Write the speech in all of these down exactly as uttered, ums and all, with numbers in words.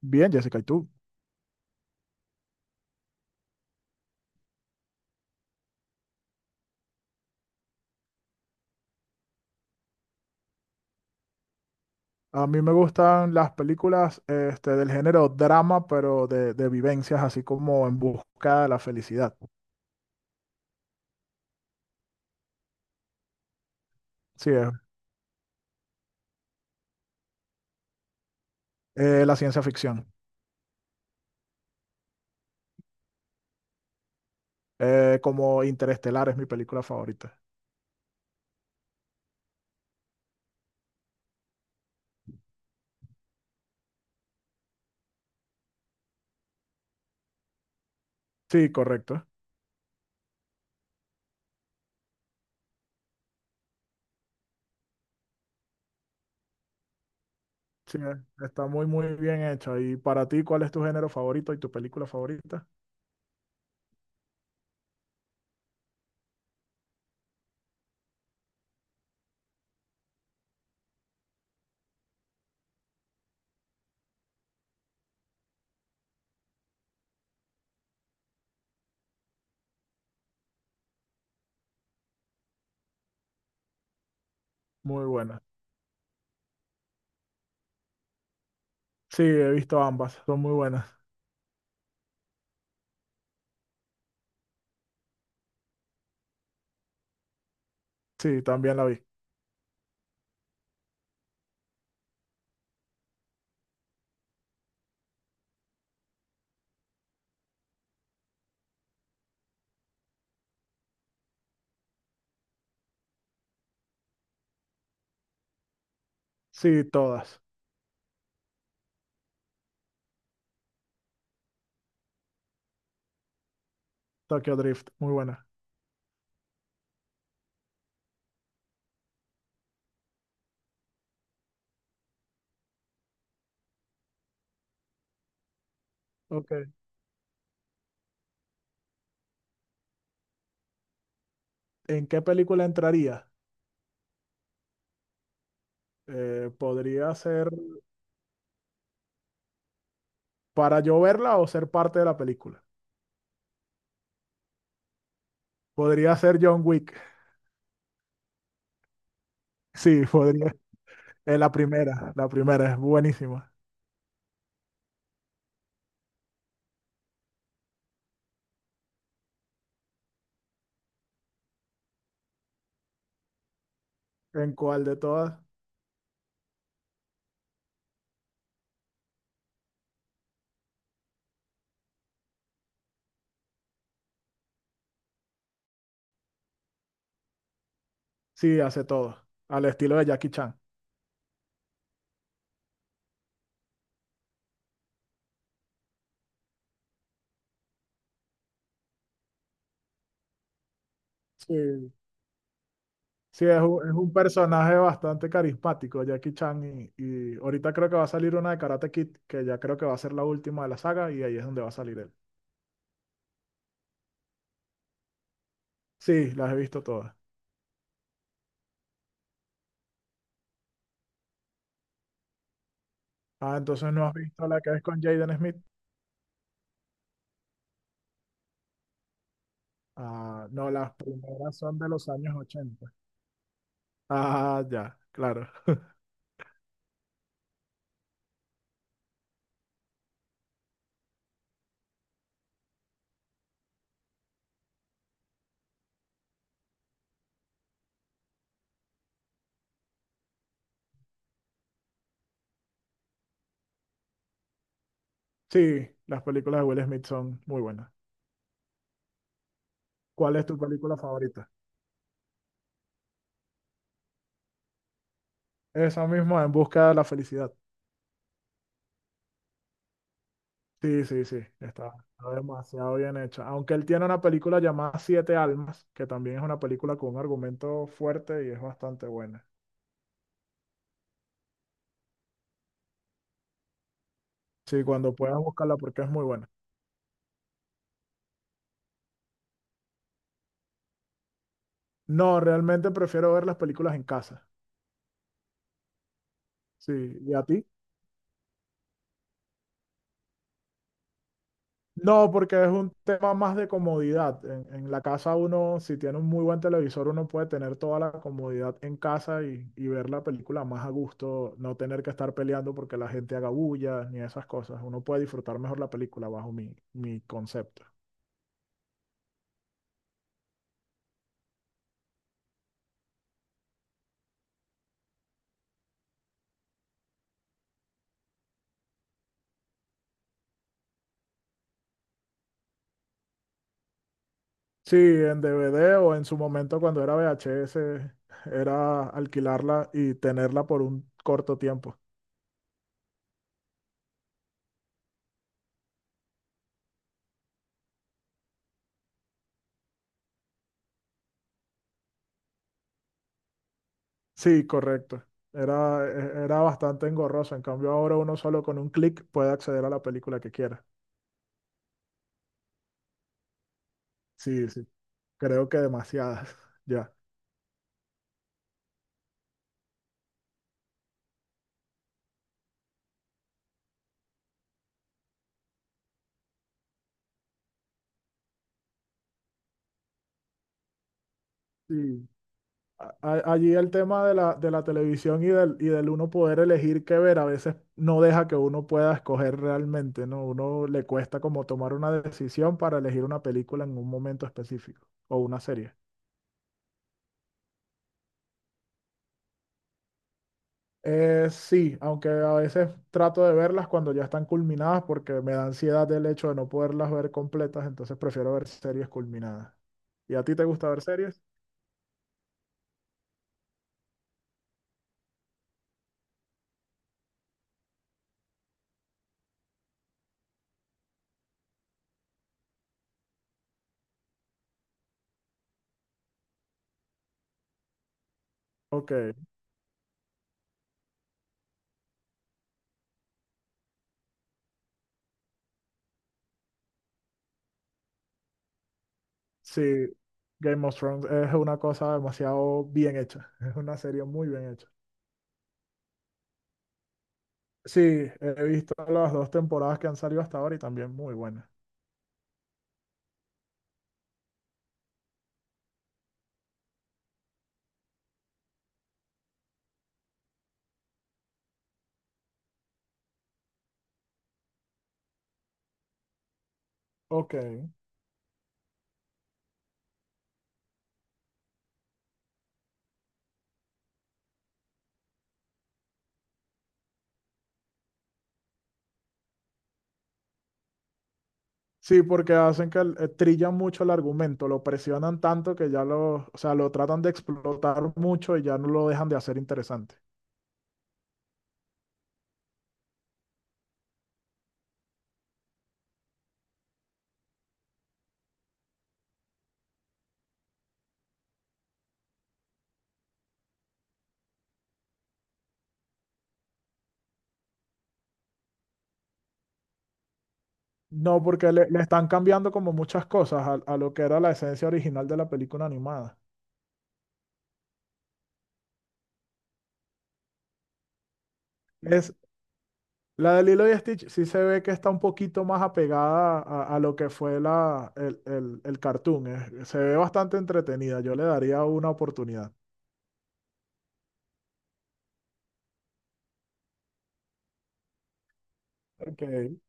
Bien, Jessica, ¿y tú? A mí me gustan las películas este, del género drama, pero de, de vivencias, así como En busca de la felicidad. Sí, es eh, la ciencia ficción. Eh, como Interestelar es mi película favorita. Sí, correcto. Sí, eh, está muy, muy bien hecha. ¿Y para ti, cuál es tu género favorito y tu película favorita? Muy buena. Sí, he visto ambas, son muy buenas. Sí, también la vi. Sí, todas. Tokyo Drift, muy buena. Ok. ¿En qué película entraría? Eh, podría ser. Para yo verla o ser parte de la película. Podría ser John Wick. Sí, podría. Es la primera, la primera, es buenísima. ¿En cuál de todas? Sí, hace todo. Al estilo de Jackie Chan. Sí. Sí, es un, es un personaje bastante carismático, Jackie Chan. Y, y ahorita creo que va a salir una de Karate Kid, que ya creo que va a ser la última de la saga, y ahí es donde va a salir él. Sí, las he visto todas. Ah, entonces no has visto la que es con Jaden Smith. Ah, no, las primeras son de los años ochenta. Ah, ya, claro. Sí, las películas de Will Smith son muy buenas. ¿Cuál es tu película favorita? Esa misma, En busca de la felicidad. Sí, sí, sí, está, está demasiado bien hecha. Aunque él tiene una película llamada Siete Almas, que también es una película con un argumento fuerte y es bastante buena. Sí, cuando puedas buscarla porque es muy buena. No, realmente prefiero ver las películas en casa. Sí, ¿y a ti? No, porque es un tema más de comodidad. En, en la casa uno, si tiene un muy buen televisor, uno puede tener toda la comodidad en casa y, y ver la película más a gusto, no tener que estar peleando porque la gente haga bulla ni esas cosas. Uno puede disfrutar mejor la película bajo mi, mi concepto. Sí, en D V D o en su momento cuando era V H S, era alquilarla y tenerla por un corto tiempo. Sí, correcto. Era, e- era bastante engorroso. En cambio, ahora uno solo con un clic puede acceder a la película que quiera. Sí, sí. Creo que demasiadas. Ya. Sí. A- a- Allí el tema de la, de la televisión y del, y del uno poder elegir qué ver a veces no deja que uno pueda escoger realmente, ¿no? Uno le cuesta como tomar una decisión para elegir una película en un momento específico o una serie. Eh, sí, aunque a veces trato de verlas cuando ya están culminadas porque me da ansiedad el hecho de no poderlas ver completas, entonces prefiero ver series culminadas. ¿Y a ti te gusta ver series? Ok, sí, Game of Thrones es una cosa demasiado bien hecha, es una serie muy bien hecha. Sí, he visto las dos temporadas que han salido hasta ahora y también muy buenas. Ok, sí, porque hacen que el- eh, trillan mucho el argumento, lo presionan tanto que ya lo, o sea, lo tratan de explotar mucho y ya no lo dejan de hacer interesante. No, porque le, le están cambiando como muchas cosas a, a lo que era la esencia original de la película animada. Es, la de Lilo y Stitch sí se ve que está un poquito más apegada a, a lo que fue la, el, el, el cartoon. eh. Se ve bastante entretenida. Yo le daría una oportunidad. Ok.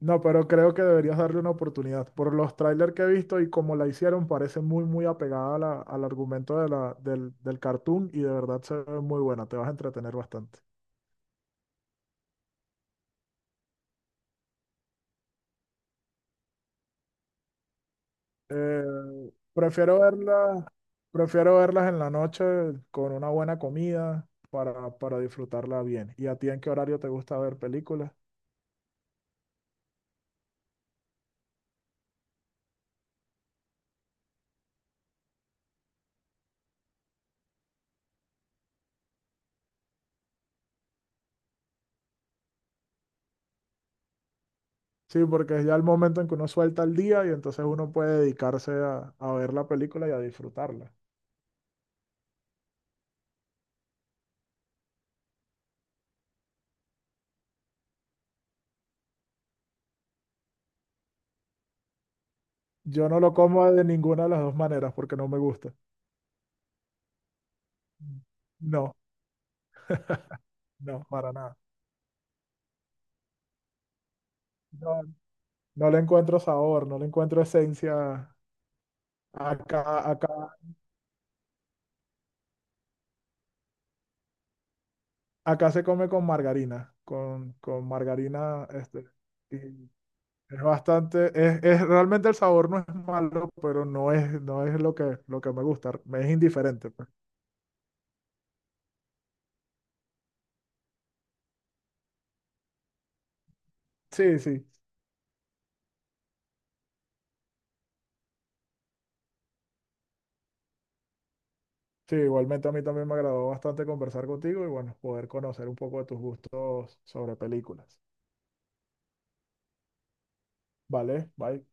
No, pero creo que deberías darle una oportunidad. Por los trailers que he visto y como la hicieron, parece muy, muy apegada a la- al argumento de la, del, del cartoon y de verdad se ve muy buena. Te vas a entretener bastante. Eh, prefiero verla Prefiero verlas en la noche con una buena comida para, para disfrutarla bien. ¿Y a ti en qué horario te gusta ver películas? Sí, porque es ya el momento en que uno suelta el día y entonces uno puede dedicarse a, a ver la película y a disfrutarla. Yo no lo como de ninguna de las dos maneras porque no me gusta. No, no, para nada. No, no le encuentro sabor, no le encuentro esencia. Acá, acá, acá se come con margarina, con, con margarina, este, y es bastante, es, es- realmente el sabor no es malo, pero no es, no es lo que, lo que me gusta, me es indiferente, pues. Sí, sí, sí, igualmente a mí también me agradó bastante conversar contigo y bueno, poder conocer un poco de tus gustos sobre películas. Vale, bye.